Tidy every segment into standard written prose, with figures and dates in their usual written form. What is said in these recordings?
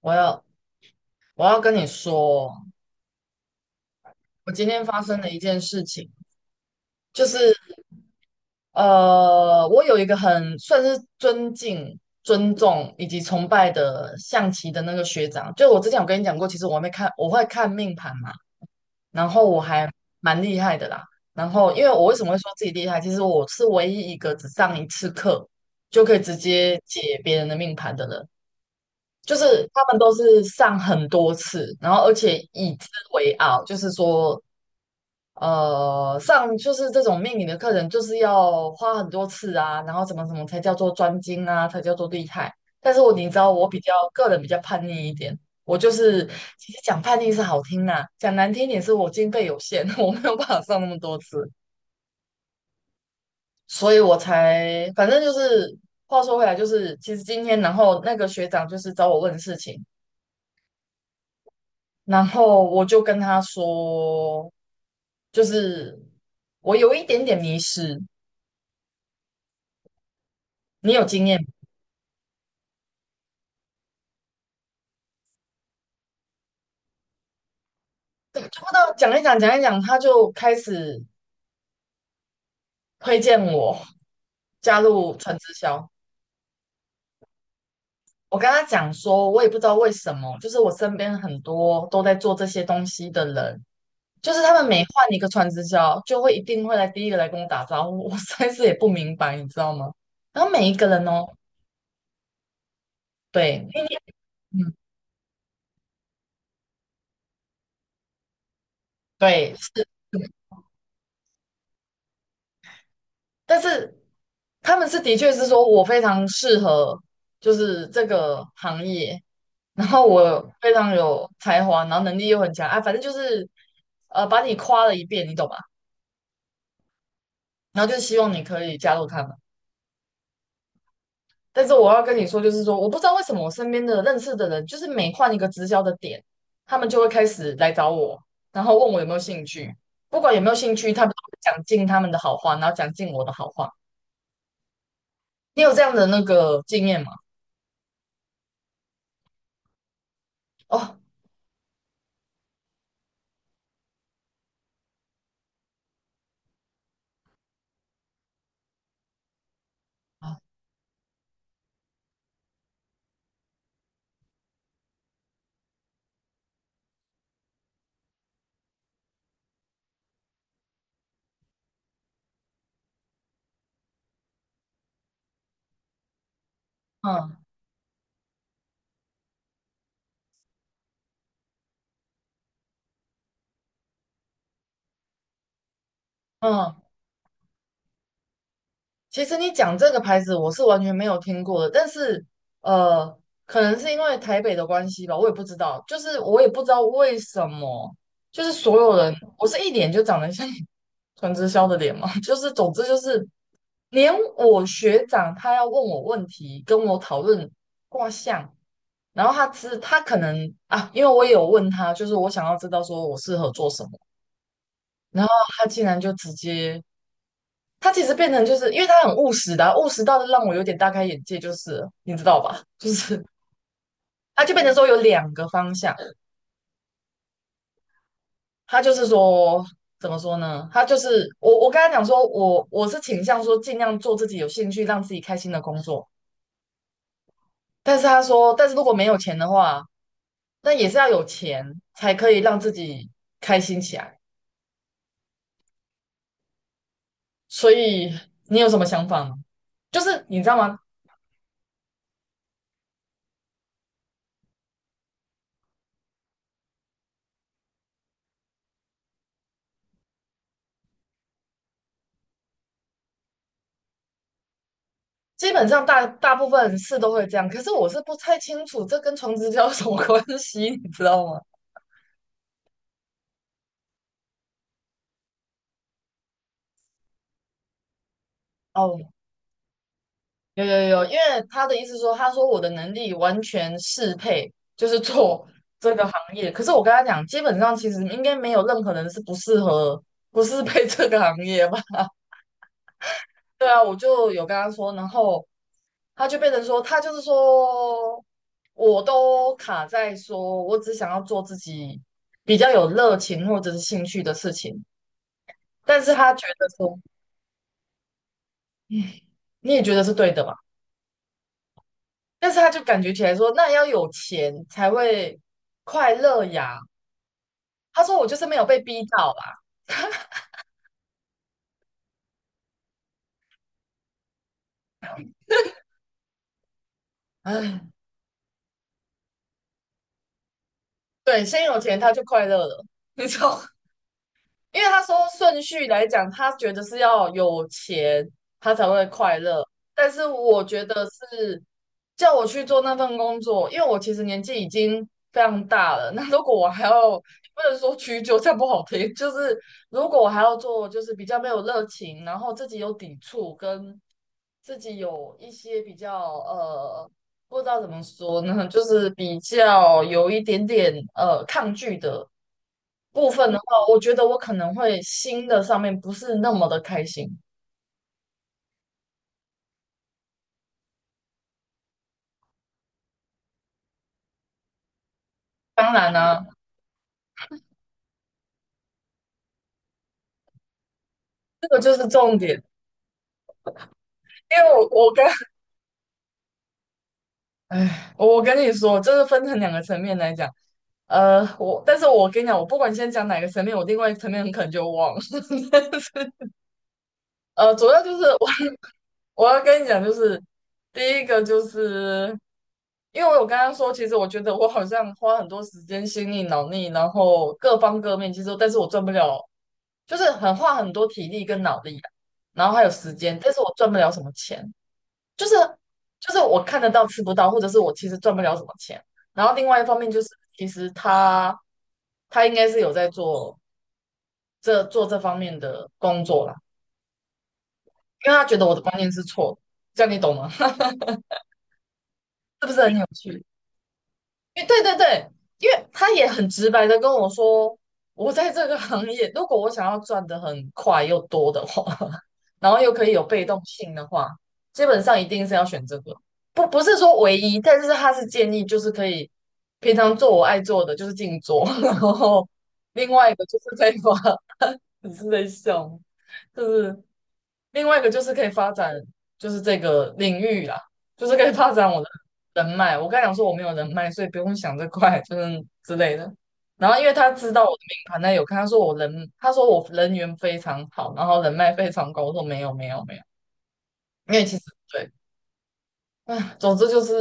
我要我要跟你说，我今天发生了一件事情，就是我有一个很算是尊敬、尊重以及崇拜的象棋的那个学长，就我之前有跟你讲过，其实我还没看，我会看命盘嘛，然后我还蛮厉害的啦。然后因为我为什么会说自己厉害，其实我是唯一一个只上一次课就可以直接解别人的命盘的人。就是他们都是上很多次，然后而且以之为傲，就是这种命理的课程，就是要花很多次啊，然后怎么才叫做专精啊，才叫做厉害。但是我你知道，我比较个人比较叛逆一点，我就是其实讲叛逆是好听啦，讲难听一点是我经费有限，我没有办法上那么多次，所以我才反正就是话说回来，就是其实今天，然后那个学长就是找我问事情，然后我就跟他说，就是我有一点点迷失，你有经验吗？对，不知道讲一讲，他就开始推荐我加入纯直销。我跟他讲说，我也不知道为什么，就是我身边很多都在做这些东西的人，就是他们每换一个传直销，就会一定会来第一个来跟我打招呼。我实在是也不明白，你知道吗？然后每一个人哦，对，因为嗯，对，是。但是他们是的确是说我非常适合，就是这个行业，然后我非常有才华，然后能力又很强啊，反正就是把你夸了一遍，你懂吧？然后就希望你可以加入他们。但是我要跟你说，就是说我不知道为什么我身边的认识的人，就是每换一个直销的点，他们就会开始来找我，然后问我有没有兴趣。不管有没有兴趣，他们都会讲尽他们的好话，然后讲尽我的好话。你有这样的那个经验吗？哦，嗯嗯。其实你讲这个牌子，我是完全没有听过的，但是呃，可能是因为台北的关系吧，我也不知道，就是我也不知道为什么，就是所有人，我是一脸就长得像 传直销的脸嘛，就是总之就是连我学长他要问我问题，跟我讨论卦象，然后他知他可能啊，因为我也有问他，就是我想要知道说我适合做什么，然后他竟然就直接他其实变成就是因为他很务实的啊，务实到的让我有点大开眼界，就是你知道吧？就是他就变成说有两个方向，他就是说怎么说呢？他就是我跟他讲说，我是倾向说尽量做自己有兴趣、让自己开心的工作，但是他说，但是如果没有钱的话，那也是要有钱才可以让自己开心起来。所以你有什么想法吗？就是你知道吗？基本上大部分是都会这样，可是我是不太清楚这跟床直交有什么 关系，你知道吗？哦，有有有，因为他的意思说，他说我的能力完全适配，就是做这个行业。可是我跟他讲，基本上其实应该没有任何人是不适合、不适配这个行业吧？对啊，我就有跟他说，然后他就是说，我都卡在说我只想要做自己比较有热情或者是兴趣的事情。但是他觉得说，你也觉得是对的嘛？但是他就感觉起来说，那要有钱才会快乐呀。他说我就是没有被逼到啦，唉，对，先有钱他就快乐了，你知道吗？因为他说顺序来讲，他觉得是要有钱，他才会快乐。但是我觉得是叫我去做那份工作，因为我其实年纪已经非常大了。那如果我还要，不能说屈就，这样不好听。就是如果我还要做，就是比较没有热情，然后自己有抵触跟自己有一些比较不知道怎么说呢，就是比较有一点点抗拒的部分的话，我觉得我可能会新的上面不是那么的开心。当然啦、这个就是重点，因为我我跟哎，我跟你说，就是分成两个层面来讲。我但是我跟你讲，我不管先讲哪个层面，我另外一个层面很可能就忘了。主要就是我要跟你讲，就是第一个就是，因为我有跟他说，其实我觉得我好像花很多时间、心力、脑力，然后各方各面，其实但是我赚不了，就是很花很多体力跟脑力啊，然后还有时间，但是我赚不了什么钱，就是就是我看得到吃不到，或者是我其实赚不了什么钱。然后另外一方面就是，其实他应该是有在做做这方面的工作啦，因为他觉得我的观念是错的，这样你懂吗？是不是很有趣？因为对对对，因为他也很直白的跟我说，我在这个行业，如果我想要赚的很快又多的话，然后又可以有被动性的话，基本上一定是要选这个。不是说唯一，但是他是建议，就是可以平常做我爱做的，就是静坐，然后另外一个就是废话。你是在笑吗？就是另外一个就是可以发展，就是这个领域啦，就是可以发展我的人脉。我刚才讲说我没有人脉，所以不用想这块，就是之类的。然后因为他知道我的名盘，他有看，他说我人缘非常好，然后人脉非常高。我说没有没有没有，因为其实对，唉，总之就是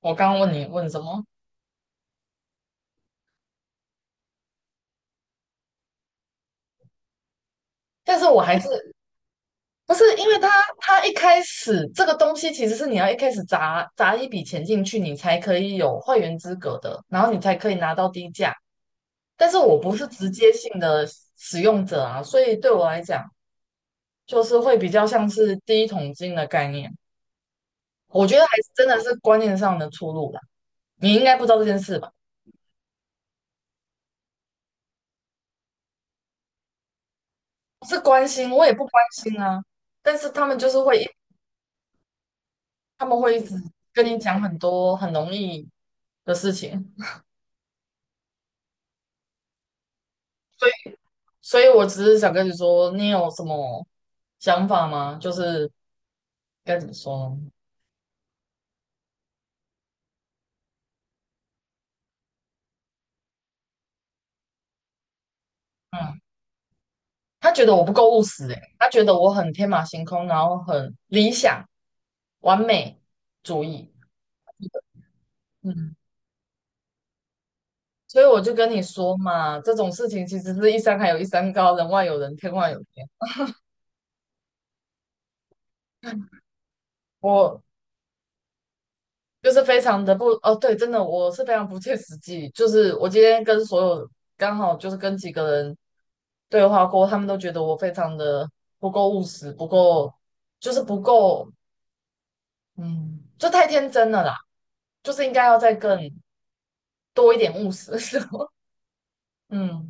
我刚刚问你问什么，但是我还是不是，因为他，他一开始这个东西其实是你要一开始砸一笔钱进去，你才可以有会员资格的，然后你才可以拿到低价。但是我不是直接性的使用者啊，所以对我来讲，就是会比较像是第一桶金的概念。我觉得还是真的是观念上的出入啦。你应该不知道这件事吧？不是关心，我也不关心啊。但是他们就是会一，他们会一直跟你讲很多很容易的事情。所以。所以我只是想跟你说，你有什么想法吗？就是该怎么说呢？嗯，他觉得我不够务实、欸，诶他觉得我很天马行空，然后很理想、完美主义。嗯，所以我就跟你说嘛，这种事情其实是一山还有一山高，人外有人，天外有天。我就是非常的不哦，对，真的我是非常不切实际。就是我今天跟所有刚好就是跟几个人对话过，他们都觉得我非常的不够务实，不够，嗯，就太天真了啦。就是应该要再更多一点务实，嗯。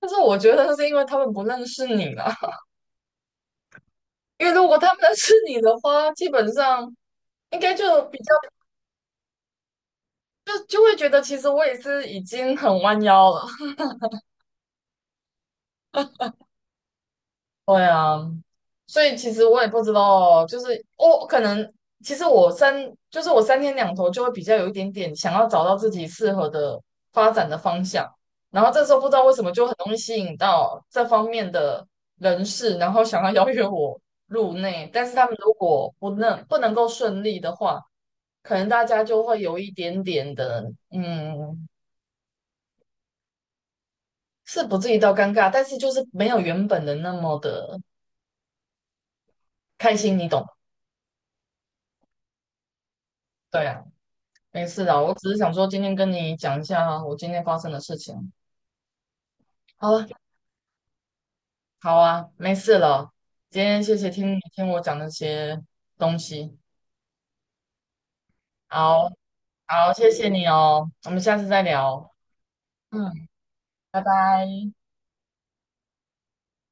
但是我觉得是因为他们不认识你了，因为如果他们认识你的话，基本上应该就比较就会觉得其实我也是已经很弯腰了。对啊，所以其实我也不知道，就是我可能其实我三就是我三天两头就会比较有一点点想要找到自己适合的发展的方向，然后这时候不知道为什么就很容易吸引到这方面的人士，然后想要邀约我入内，但是他们如果不能够顺利的话，可能大家就会有一点点的嗯，是不至于到尴尬，但是就是没有原本的那么的开心，你懂吗？对啊。没事啦，我只是想说今天跟你讲一下我今天发生的事情。好了，好啊，没事了。今天谢谢听你听我讲那些东西，好好，谢谢你哦，我们下次再聊。嗯，拜拜。